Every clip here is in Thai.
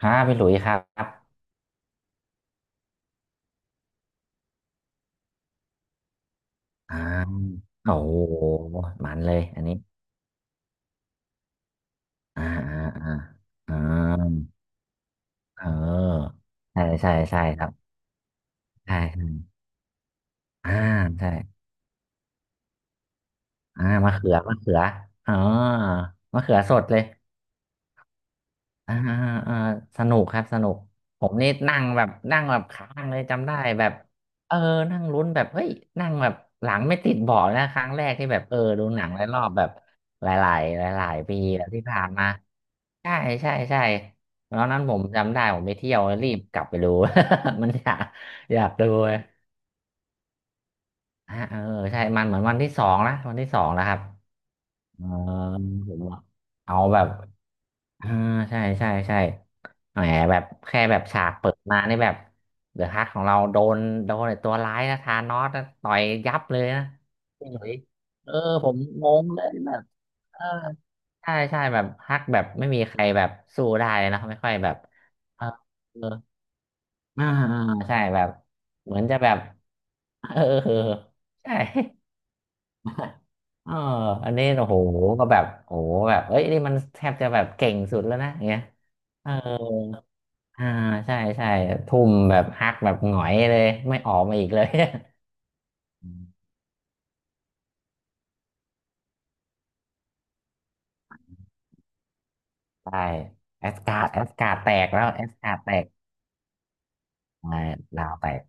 ครับพี่หลุยส์ครับอ่าโอ้โหหมันเลยอันนี้อ่าอ่าอ่าอ่าเออใช่ใช่ใช่ครับใช่อ่าใช่อ่ามะเขือมะเขืออ๋อมะเขือสดเลยอ่าอ่าสนุกครับสนุกผมนี่นั่งแบบค้างเลยจำได้แบบเออนั่งลุ้นแบบเฮ้ยนั่งแบบหลังไม่ติดเบาะนะครั้งแรกที่แบบเออดูหนังหลายรอบแบบหลายๆหลายๆปีแล้วที่ผ่านมา ใช่ใช่ใช่ตอนนั้นผมจำได้ผมไปเที่ยวรีบกลับไปดู มันอยากดูเลยฮะเออใช่มันเหมือนวันที่สองนะวันที่สองแล้วครับเออผมเอาแบบเออใช่ใช่ใช่แหมแบบแค่แบบฉากเปิดมานี่แบบเดอะฮักของเราโดนไอ้ตัวร้ายนะธานอสนะต่อยยับเลยนะพี่หลุยเออผมงงเลยแบบ เออใช่ใช่แบบฮักแบบไม่มีใครแบบสู้ได้เลยนะไม่ค่อยแบบเออเอออ่าอ่าใช่แบบเหมือนจะแบบเออเออใช่ เอออันนี้โอ้โหก็แบบโอ้โหแบบเอ้ยนี่มันแทบจะแบบเก่งสุดแล้วนะอย่างเงี้ยเอออ่าใช่ใช่ทุ่มแบบฮักแบบหงอยเลยไม่ออกมาอีกเลย อืมใช่แอสการ์ดแตกแล้วแอสการ์ดแตกใช่ลาวแตก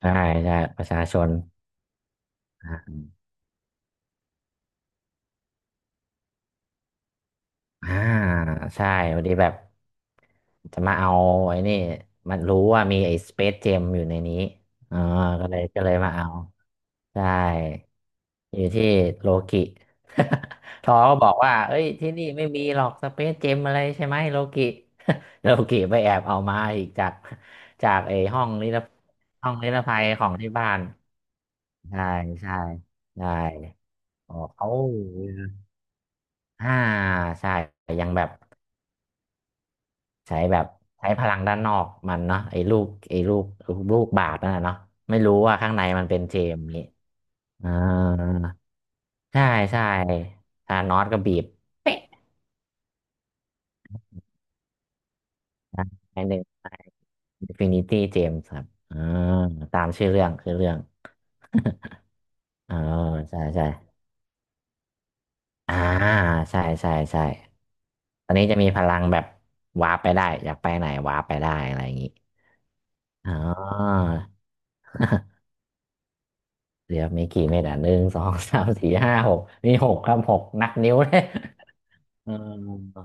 ใช่ใช่ประชาชน อ่าใช่พอดีแบบจะมาเอาไอ้นี่มันรู้ว่ามีไอ้สเปซเจมอยู่ในนี้อ่าก็เลยมาเอาใช่อยู่ที่โลกิ ทอก็บอกว่าเอ้ยที่นี่ไม่มีหรอกสเปซเจมอะไรใช่ไหมโลกิ โลกิไปแอบเอามาอีกจากไอ้ห้องนิรภัยของที่บ้านใช่ใช่ใช่บอกเขาอ่าใช่ยังแบบ ใช้แบบใช้พลังด้านนอกมันเนาะไอ้ลูกบาศก์นั่นน่ะเนาะไม่รู้ว่าข้างในมันเป็นเจมส์นี้อ่าใช่ใช่ธานอสก็บีบเป๊ะนะไอ้หนึ่งไอ้อินฟินิตี้เจมส์ครับอ่าตามชื่อเรื่องคือเรื่อง เออใช่ใช่อ่าใช่ใช่ใช่ตอนนี้จะมีพลังแบบวาร์ปไปได้อยากไปไหนวาร์ปไปได้อะไรอย่างนี้อ๋อ เดี๋ยวมีกี่เม็ดอ่ะหนึ่งสองสามสี่ห้าหกมีหกครับหกนับนิ้ว เลยเออ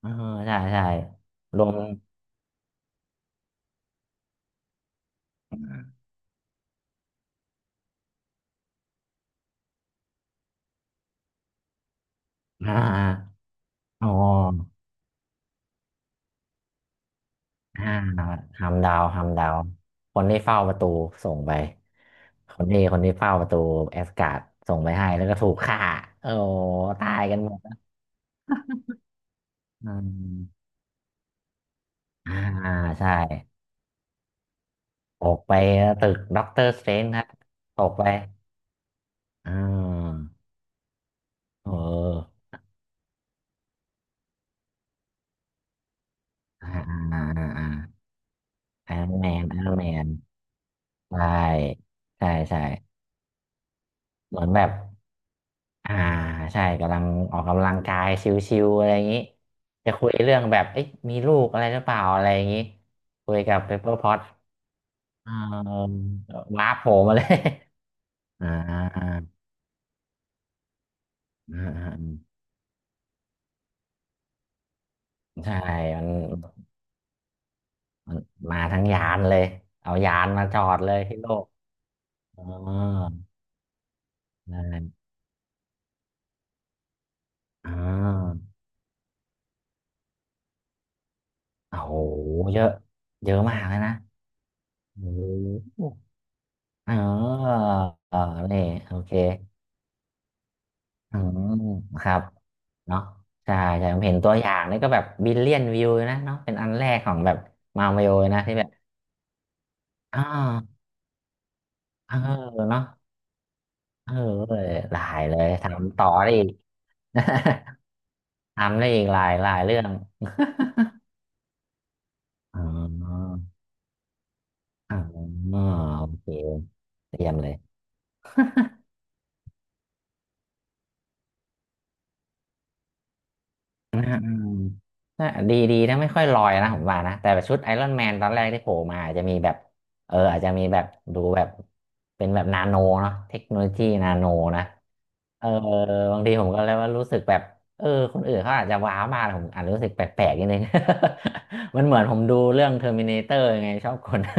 เออใช่ใช่รวมอ่าอ๋อห้าทำดาวทำดาวคนที่เฝ้าประตูส่งไปคนที่เฝ้าประตูแอสการ์ดส่งไปให้แล้วก็ถูกฆ่าโอ้ตายกันหมดอืมอ่าใช่ตกไปตึกด็อกเตอร์สเตรนจ์ครับตกไปอ่าเอออ่าอ่าอ่า ไอรอนแมนใช่ใช่ใช่เหมือนแบบอ่าใช่กำลังออกกำลังกายชิวๆอะไรอย่างนี้จะคุยเรื่องแบบเอ๊ะมีลูกอะไรหรือเปล่าอะไรอย่างนี้คุยกับเปเปอร์พอตเออว้าร์ปโผล่มาเลยอ่า อ่าอ่าอ่าใช่มันมันมาทั้งยานเลยเอายานมาจอดเลยที่โลกอ๋อใช่อ่าโอ้โหเยอะเยอะมากเลยนะโอ้โห อ๋ออ๋อนี่โอเคอืมครับเนาะใช่ใช่ผมเห็นตัวอย่างนี่ก็แบบบิลเลียนวิวนะเนาะเป็นอันแรกของแบบ มาวิโอนะ ที่แบบอ๋อเออเนาะเออหลายเลย ทำต่อได้อีก ทำได้อีกหลายหลายเรื่อง อ๋ออ๋อโอเคเตรียมเลย อืมน่าดีดีนะไม่ค่อยลอยนะผมว่านะ แต่แบบชุดไอรอนแมนตอนแรกที่โผล่มาอาจจะมีแบบเอออาจจะมีแบบดูแบบเป็นแบบนาโนเนาะเทคโนโลยีนาโนนะเออบางทีผมก็เลยว่ารู้สึกแบบเออคนอื่นเขาอาจจะว้าวมากแต่ผมอาจจะรู้สึกแปลกๆนิดนึง มันเหมือนผมดูเรื่องเทอร์มินาเตอร์ไงชอบคน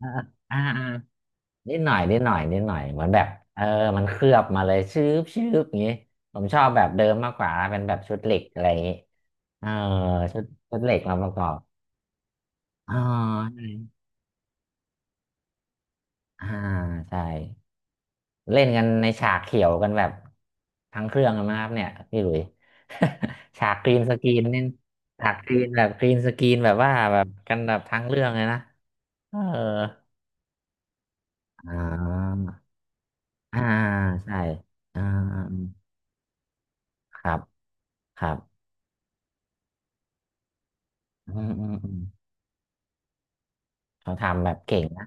อ่าอ่า นิดหน่อยนิดหน่อยนิดหน่อยเหมือนแบบเออมันเคลือบมาเลยชืบชืบอย่างงี้ผมชอบแบบเดิมมากกว่าเป็นแบบชุดเหล็กอะไรอย่างงี้เออชุดชุดเหล็กมาประกอบอ๋อใช่อ่าใช่เล่นกันในฉากเขียวกันแบบทั้งเครื่องกันมากครับเนี่ยพี่หลุย ฉากกรีนสกรีนนี่ฉากกรีนแบบกรีนสกรีนแบบว่าแบบกันแบบทั้งเรื่องเลยนะเอออ่าอ่าใช่อ่าครับครับ อืมอืมอืมเขาทำแบบเก่งนะ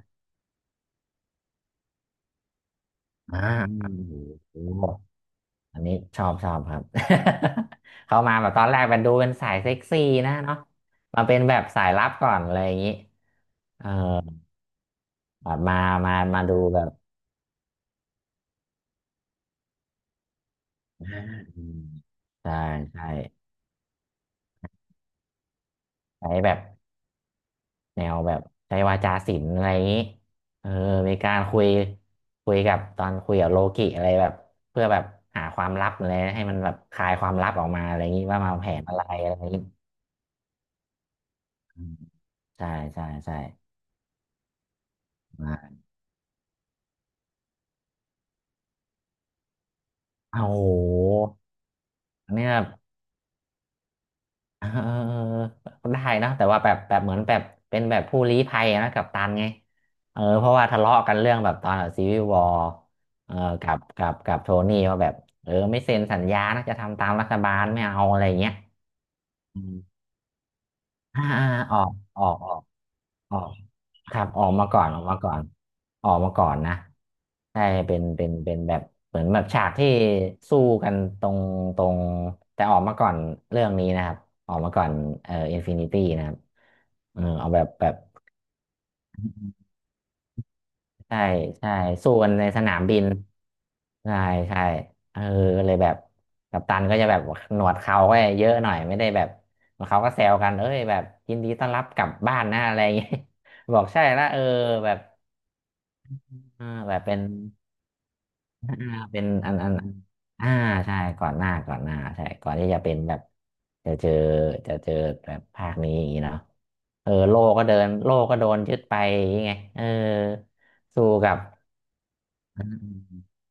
อ่าอืมโอ้โหอันนี้ชอบชอบครับ เขามาแบบตอนแรกมันดูเป็นสายเซ็กซี่นะเนาะมาเป็นแบบสายลับก่อนอะไรอย่างนี้เออแบบมาดูแบบอ่าอืมใช่ใช่ใช้แบบแนวแบบใช้วาจาศิลป์อะไรอย่างนี้เออมีการคุยคุยกับตอนคุยกับโลกิอะไรแบบเพื่อแบบหาความลับอะไรให้มันแบบคลายความลับออกมาอะไรอย่างนี้ว่ามาแผนอะไรอะไรอย่างนี้ อืมใช่ใช่ใช่อาโอ้โหเนี่ยเออ ได้นะแต่ว่าแบบแบบเหมือนแบบเป็นแบบผู้ลี้ภัยนะกัปตันไงเออเพราะว่าทะเลาะกันเรื่องแบบตอนแบบซีวิววอร์เออกับโทนี่ว่าแบบเออไม่เซ็นสัญญานะจะทำตามรัฐบาลไม่เอาอะไรอย่างเงี้ยอืมอ่าอ่าออกออกออก ออกครับออกมาก่อนออกมาก่อนออกมาก่อนนะใช่เป็นแบบเหมือนแบบฉากที่สู้กันตรงตรงแต่ออกมาก่อนเรื่องนี้นะครับออกมาก่อนอินฟินิตี้นะครับเออเอาแบบแบบใช่ใช่สู้กันในสนามบินใช่ใช่เออก็เลยแบบกัปตันก็จะแบบหนวดเขาก็เยอะหน่อยไม่ได้แบบเขาก็แซวกันเอ้ยแบบยินดีต้อนรับกลับบ้านนะอะไรอย่างเงี้ย บอกใช่ละเออแบบ อ่าแบบเป็น อ่าเป็นอันอ่าใช่ก่อนหน้าก่อนหน้าใช่ก่อนที่จะเป็นแบบจะเจอจะเจอแบบภาคนี้อย่างนี้เนาะเออโลก็เดินโลก็โดนยึดไปอย่างงี้ไงเออสู้กับอืม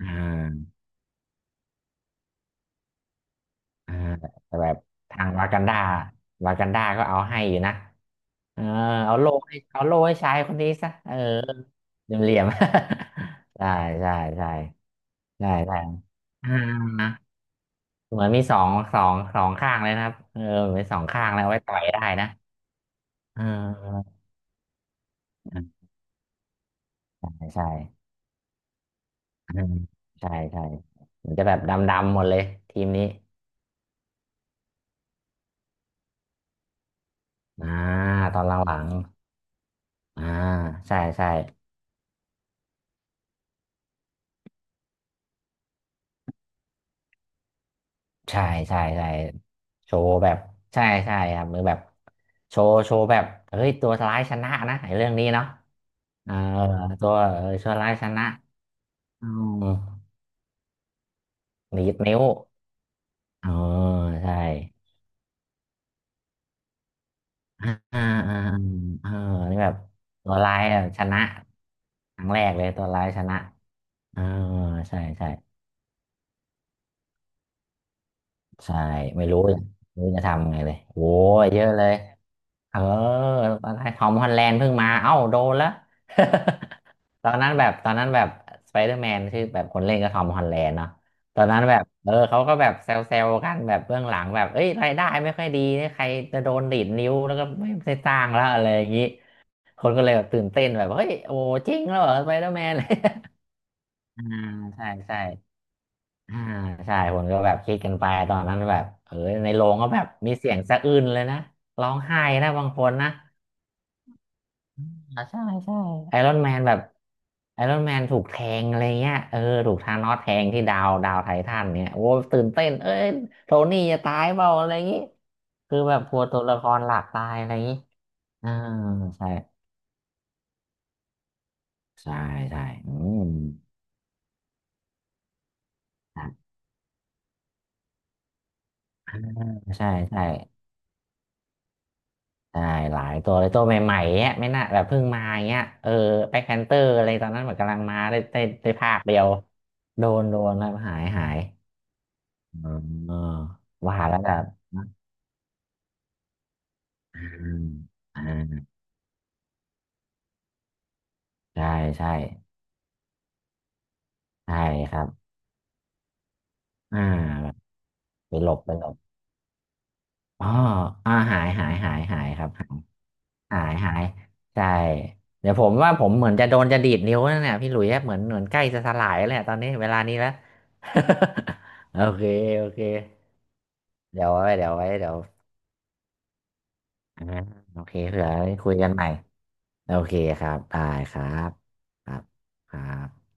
อ่าอ่าแต่แบบทางวากันดาวากันดาก็เอาให้อยู่นะเออเอาโล่ให้เอาโล่ให้ชายคนนี้ซะเออเหลี่ยมๆ ใช่ใช่ใช่ใช่ใช่อ่า เหมือนมีสองข้างเลยนะครับเออมีสองข้างแล้วไว้ต่อยได้นะเออใช่ใช่อืมใช่ใช่มันจะแบบดำดำหมดเลยทีมนี้อ่าตอนหลังๆอ่าใช่ใช่ใช่ใช่ใช่โชว์แบบใช่ใช่ครับมือแบบโชว์โชว์แบบเฮ้ยตัวร้ายชนะนะไอ้เรื่องนี้เนาะเออตัวเออตัวร้ายชนะอืมดีดนิ้วเออใช่ อ่าอ่าอ่าเออนี่แบบตัวร้ายแบบชนะครั้งแรกเลยตัวร้ายชนะเออใช่ใช่ใช่ไม่รู้เลยไม่รู้จะทำไงเลยโอ้ยเยอะเลยเออตอนแรกทอมฮอลแลนด์เพิ่งมาเอ้าโดนแล้ว ตอนนั้นแบบตอนนั้นแบบสไปเดอร์แมนชื่อแบบคนเล่นก็ทอมฮอลแลนด์เนาะตอนนั้นแบบเออเขาก็แบบแซวๆกันแบบเบื้องหลังแบบเอ้ยรายได้ไม่ค่อยดีเนี่ยใครจะโดนดีดนิ้วแล้วก็ไม่ได้สร้างแล้วอะไรอย่างนี้ คนก็เลยแบบตื่นเต้นแบบเฮ้ยโอ้จริงแล้วเหรอสไปเดอร์แมน อ่าใช่ใช่อ่าใช่คนก็แบบคิดกันไปตอนนั้นแบบเออในโรงก็แบบมีเสียงสะอื้นเลยนะร้องไห้นะบางคนนะอ่าใช่ใช่ไอรอนแมนแบบไอรอนแมนถูกแทงอะไรเงี้ยเออถูกธานอสแทงที่ดาวดาวไททันเนี่ยโอ้ตื่นเต้นเอ้ยโทนี่จะตายเปล่าอะไรอย่างงี้คือแบบกลัวตัวละครหลักตายอะไรอย่างงี้อ่าใช่ใช่ใช่อืม อ่าใช่ใช่ใช่หลายตัวเลยตัวใหม่ๆเนี้ยไม่น่าแบบเพิ่งมาเงี้ยเออแบ็คแพนเตอร์อะไรตอนนั้นเหมือนกำลังมาได้ภาคเดียวโดนโดนแล้วหายหายอ๋อว่าแล้วแบบอ่าอ่าใช่ใช่ใช่ครับอ่าแบบไปหลบไปหลบอ๋ออ่าหายหายหายหายครับ หายหายใช่เดี๋ยวผมว่าผมเหมือนจะโดนจะดีดนิ้วนั่นแหละพี่หลุยส์เหมือนเหมือนใกล้จะสลายแล้วเนี่ยตอนนี้เวลานี้แล้ว โอเคโอเคเดี๋ยวไว้เดี๋ยวไว้เดี๋ยวอ่าโอเคเผื่อคุยกันใหม่โอเคครับได้ครับครับครับ